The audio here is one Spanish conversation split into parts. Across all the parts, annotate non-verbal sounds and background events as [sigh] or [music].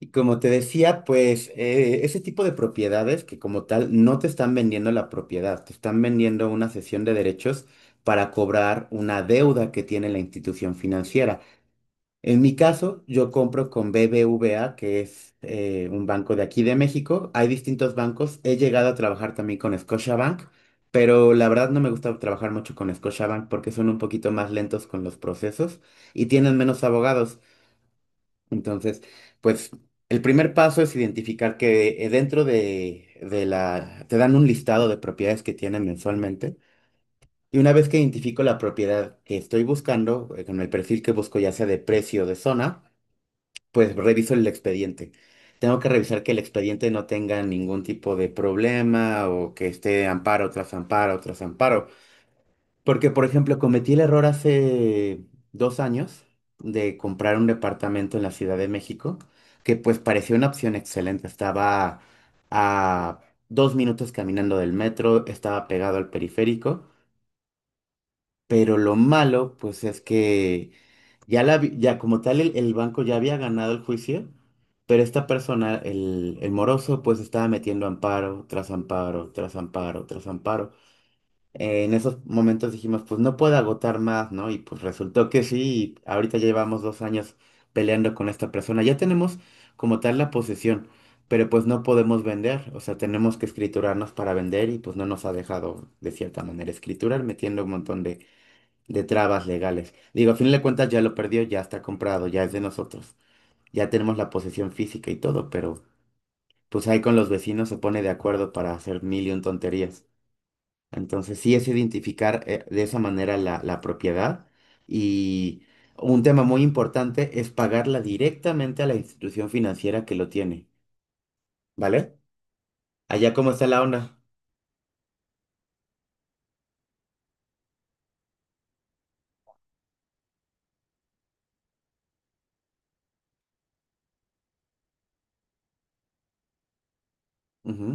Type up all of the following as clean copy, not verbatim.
Y como te decía, pues ese tipo de propiedades que como tal no te están vendiendo la propiedad, te están vendiendo una cesión de derechos para cobrar una deuda que tiene la institución financiera. En mi caso, yo compro con BBVA, que es un banco de aquí de México. Hay distintos bancos. He llegado a trabajar también con Scotiabank, pero la verdad no me gusta trabajar mucho con Scotiabank porque son un poquito más lentos con los procesos y tienen menos abogados. Entonces, pues el primer paso es identificar que dentro de la, te dan un listado de propiedades que tienen mensualmente. Y una vez que identifico la propiedad que estoy buscando, con el perfil que busco, ya sea de precio o de zona, pues reviso el expediente. Tengo que revisar que el expediente no tenga ningún tipo de problema o que esté amparo tras amparo tras amparo, porque, por ejemplo, cometí el error hace 2 años de comprar un departamento en la Ciudad de México, que pues parecía una opción excelente. Estaba a 2 minutos caminando del metro, estaba pegado al periférico, pero lo malo, pues es que ya como tal el banco ya había ganado el juicio, pero esta persona, el moroso, pues estaba metiendo amparo tras amparo, tras amparo, tras amparo en esos momentos dijimos, pues no puedo agotar más, ¿no? Y pues resultó que sí, y ahorita ya llevamos 2 años peleando con esta persona. Ya tenemos como tal la posesión, pero pues no podemos vender, o sea, tenemos que escriturarnos para vender y pues no nos ha dejado de cierta manera escriturar, metiendo un montón de, trabas legales. Digo, a fin de cuentas ya lo perdió, ya está comprado, ya es de nosotros, ya tenemos la posesión física y todo, pero pues ahí con los vecinos se pone de acuerdo para hacer mil y un tonterías. Entonces, sí es identificar de esa manera la propiedad y un tema muy importante es pagarla directamente a la institución financiera que lo tiene, ¿vale? ¿Allá cómo está la onda? Ujú.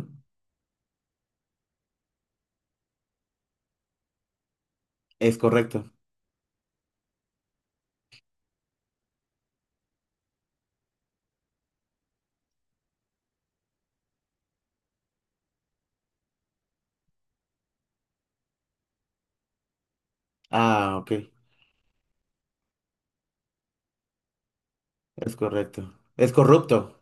Es correcto. Ah, ok. Es correcto. Es corrupto.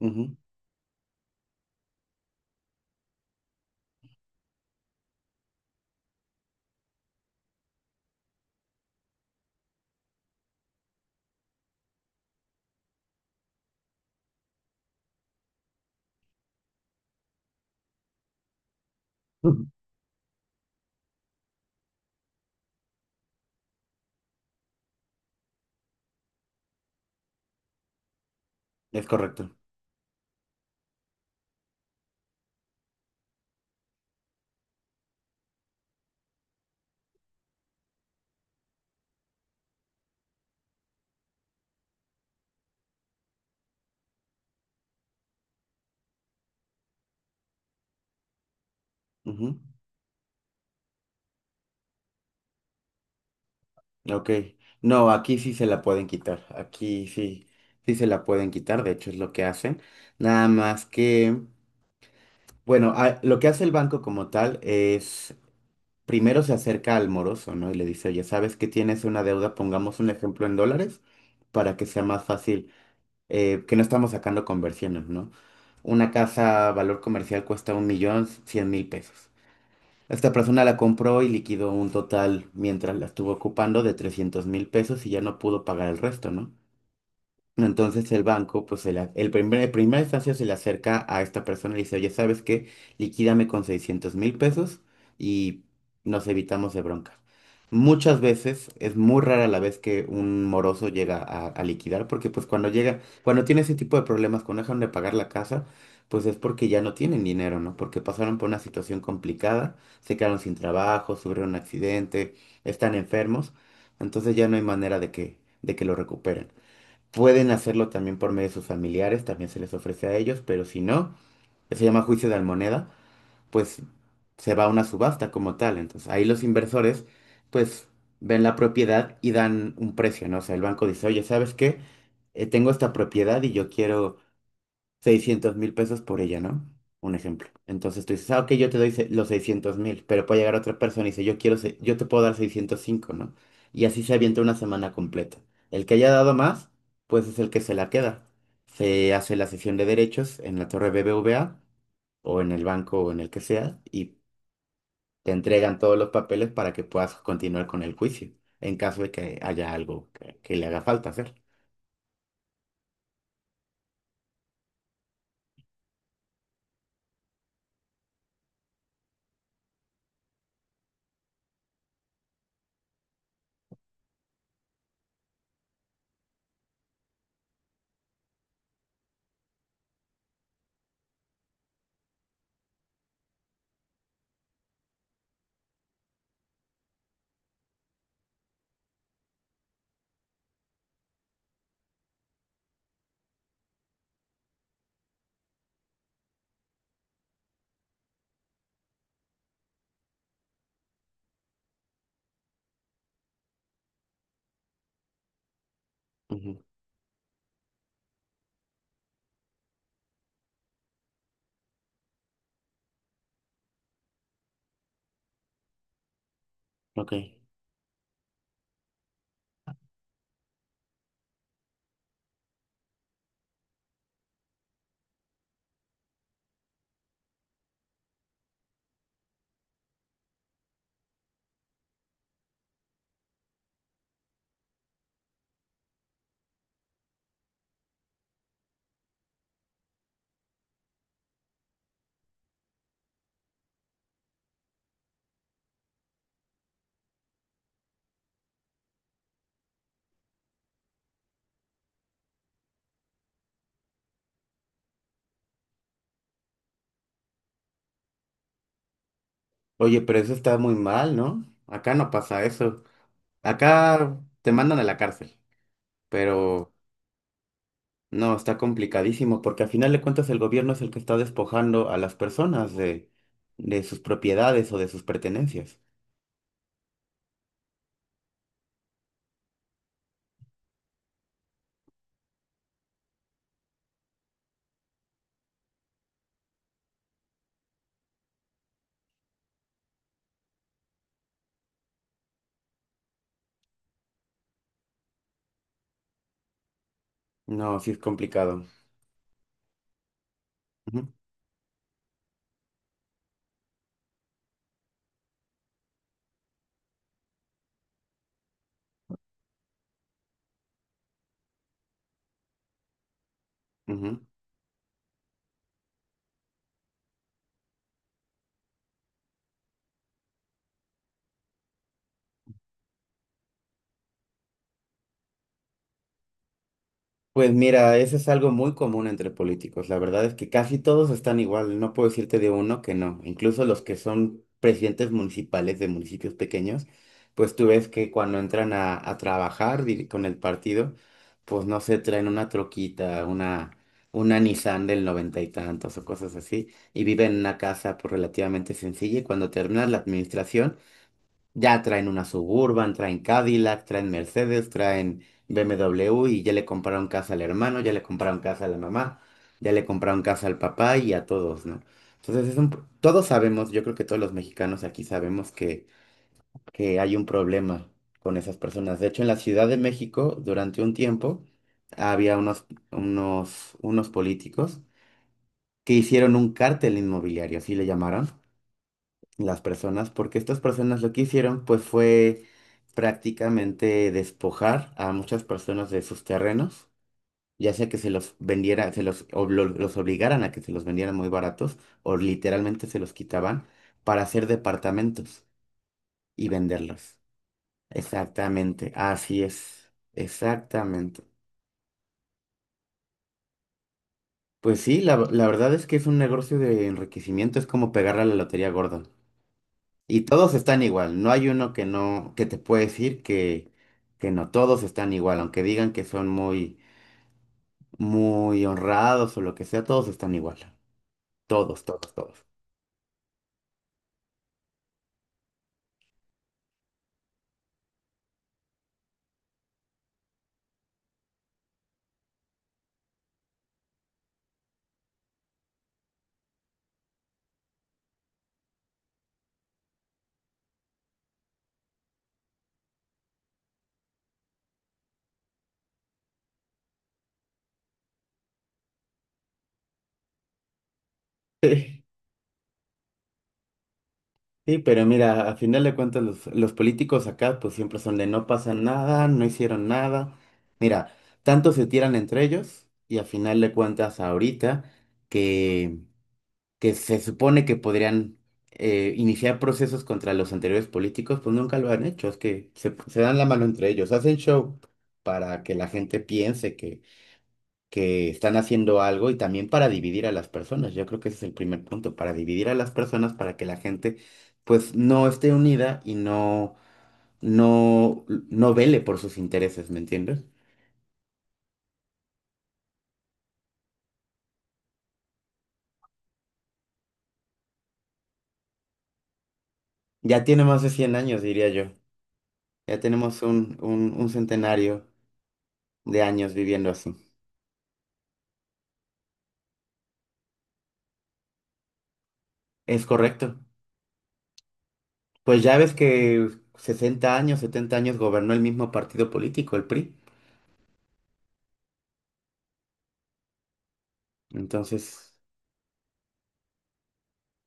Ujú. [laughs] Ujú. Es correcto. Ujú. Ok. No, aquí sí se la pueden quitar. Aquí sí, sí se la pueden quitar. De hecho, es lo que hacen. Nada más que. Bueno, lo que hace el banco como tal es primero se acerca al moroso, ¿no? Y le dice, oye, ¿sabes que tienes una deuda? Pongamos un ejemplo en dólares para que sea más fácil, que no estamos sacando conversiones, ¿no? Una casa valor comercial cuesta 1,100,000 pesos. Esta persona la compró y liquidó un total mientras la estuvo ocupando de 300,000 pesos y ya no pudo pagar el resto, ¿no? Entonces el banco, pues el, a- el primer, en primera instancia se le acerca a esta persona y le dice, oye, ¿sabes qué? Liquídame con 600,000 pesos y nos evitamos de bronca. Muchas veces es muy rara la vez que un moroso llega a liquidar porque pues cuando llega, cuando tiene ese tipo de problemas, cuando dejan de pagar la casa, pues es porque ya no tienen dinero, ¿no? Porque pasaron por una situación complicada, se quedaron sin trabajo, sufrieron un accidente, están enfermos, entonces ya no hay manera de que, lo recuperen. Pueden hacerlo también por medio de sus familiares, también se les ofrece a ellos, pero si no, que se llama juicio de almoneda, pues se va a una subasta como tal. Entonces ahí los inversores pues ven la propiedad y dan un precio, ¿no? O sea, el banco dice, oye, ¿sabes qué? Tengo esta propiedad y yo quiero 600,000 pesos por ella, ¿no? Un ejemplo. Entonces tú dices, ah, ok, yo te doy los 600,000, pero puede llegar otra persona y dice, yo quiero, yo te puedo dar 605, ¿no? Y así se avienta una semana completa. El que haya dado más, pues es el que se la queda. Se hace la sesión de derechos en la torre BBVA o en el banco o en el que sea y te entregan todos los papeles para que puedas continuar con el juicio, en caso de que haya algo que, le haga falta hacer. Ujú. Ok. Oye, pero eso está muy mal, ¿no? Acá no pasa eso. Acá te mandan a la cárcel, pero no, está complicadísimo porque al final de cuentas el gobierno es el que está despojando a las personas de, sus propiedades o de sus pertenencias. No, sí es complicado. Ujú. Ujú. Pues mira, eso es algo muy común entre políticos. La verdad es que casi todos están igual. No puedo decirte de uno que no. Incluso los que son presidentes municipales de municipios pequeños, pues tú ves que cuando entran a trabajar con el partido, pues no se traen una troquita, una Nissan del noventa y tantos o cosas así, y viven en una casa pues relativamente sencilla y cuando terminas la administración, ya traen una Suburban, traen Cadillac, traen Mercedes, traen BMW y ya le compraron casa al hermano, ya le compraron casa a la mamá, ya le compraron casa al papá y a todos, ¿no? Entonces todos sabemos, yo creo que todos los mexicanos aquí sabemos que, hay un problema con esas personas. De hecho, en la Ciudad de México, durante un tiempo, había unos políticos que hicieron un cártel inmobiliario, así le llamaron las personas, porque estas personas lo que hicieron pues fue prácticamente despojar a muchas personas de sus terrenos, ya sea que se los vendiera, se los, ob- lo- los obligaran a que se los vendieran muy baratos o literalmente se los quitaban para hacer departamentos y venderlos. Exactamente, así es, exactamente. Pues sí, la verdad es que es un negocio de enriquecimiento, es como pegarle a la lotería gorda. Y todos están igual, no hay uno que no, que te puede decir que, no, todos están igual, aunque digan que son muy, muy honrados o lo que sea, todos están igual, todos, todos, todos. Sí, sí, pero mira, a final de cuentas los políticos acá pues siempre son de no pasa nada, no hicieron nada. Mira, tanto se tiran entre ellos y a final de cuentas ahorita que se supone que podrían iniciar procesos contra los anteriores políticos, pues nunca lo han hecho. Es que se dan la mano entre ellos, hacen show para que la gente piense que, están haciendo algo y también para dividir a las personas. Yo creo que ese es el primer punto, para dividir a las personas, para que la gente pues no esté unida y no, no, no vele por sus intereses, ¿me entiendes? Ya tiene más de 100 años, diría yo. Ya tenemos un centenario de años viviendo así. Es correcto. Pues ya ves que 60 años, 70 años gobernó el mismo partido político, el PRI. Entonces.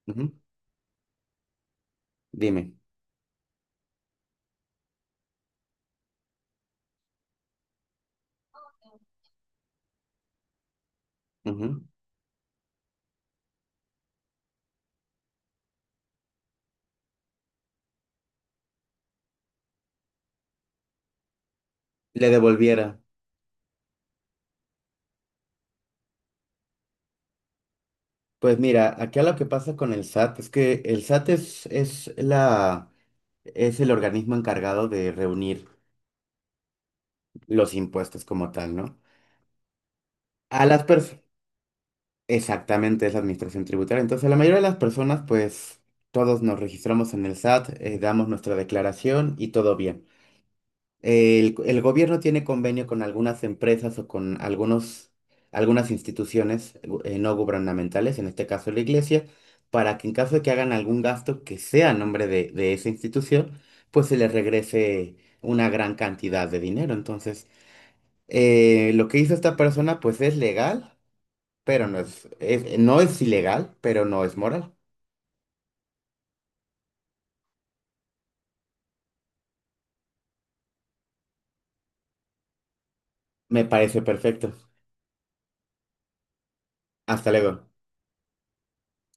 Ujú. Dime. Ujú. Le devolviera. Pues mira, acá lo que pasa con el SAT es que el SAT es, es el organismo encargado de reunir los impuestos como tal, ¿no? A las personas, exactamente, es la administración tributaria. Entonces, la mayoría de las personas, pues, todos nos registramos en el SAT, damos nuestra declaración y todo bien. El gobierno tiene convenio con algunas empresas o con algunos, algunas instituciones no gubernamentales, en este caso la iglesia, para que en caso de que hagan algún gasto que sea a nombre de, esa institución, pues se les regrese una gran cantidad de dinero. Entonces, lo que hizo esta persona, pues es legal, pero no es, no es ilegal, pero no es moral. Me parece perfecto. Hasta luego.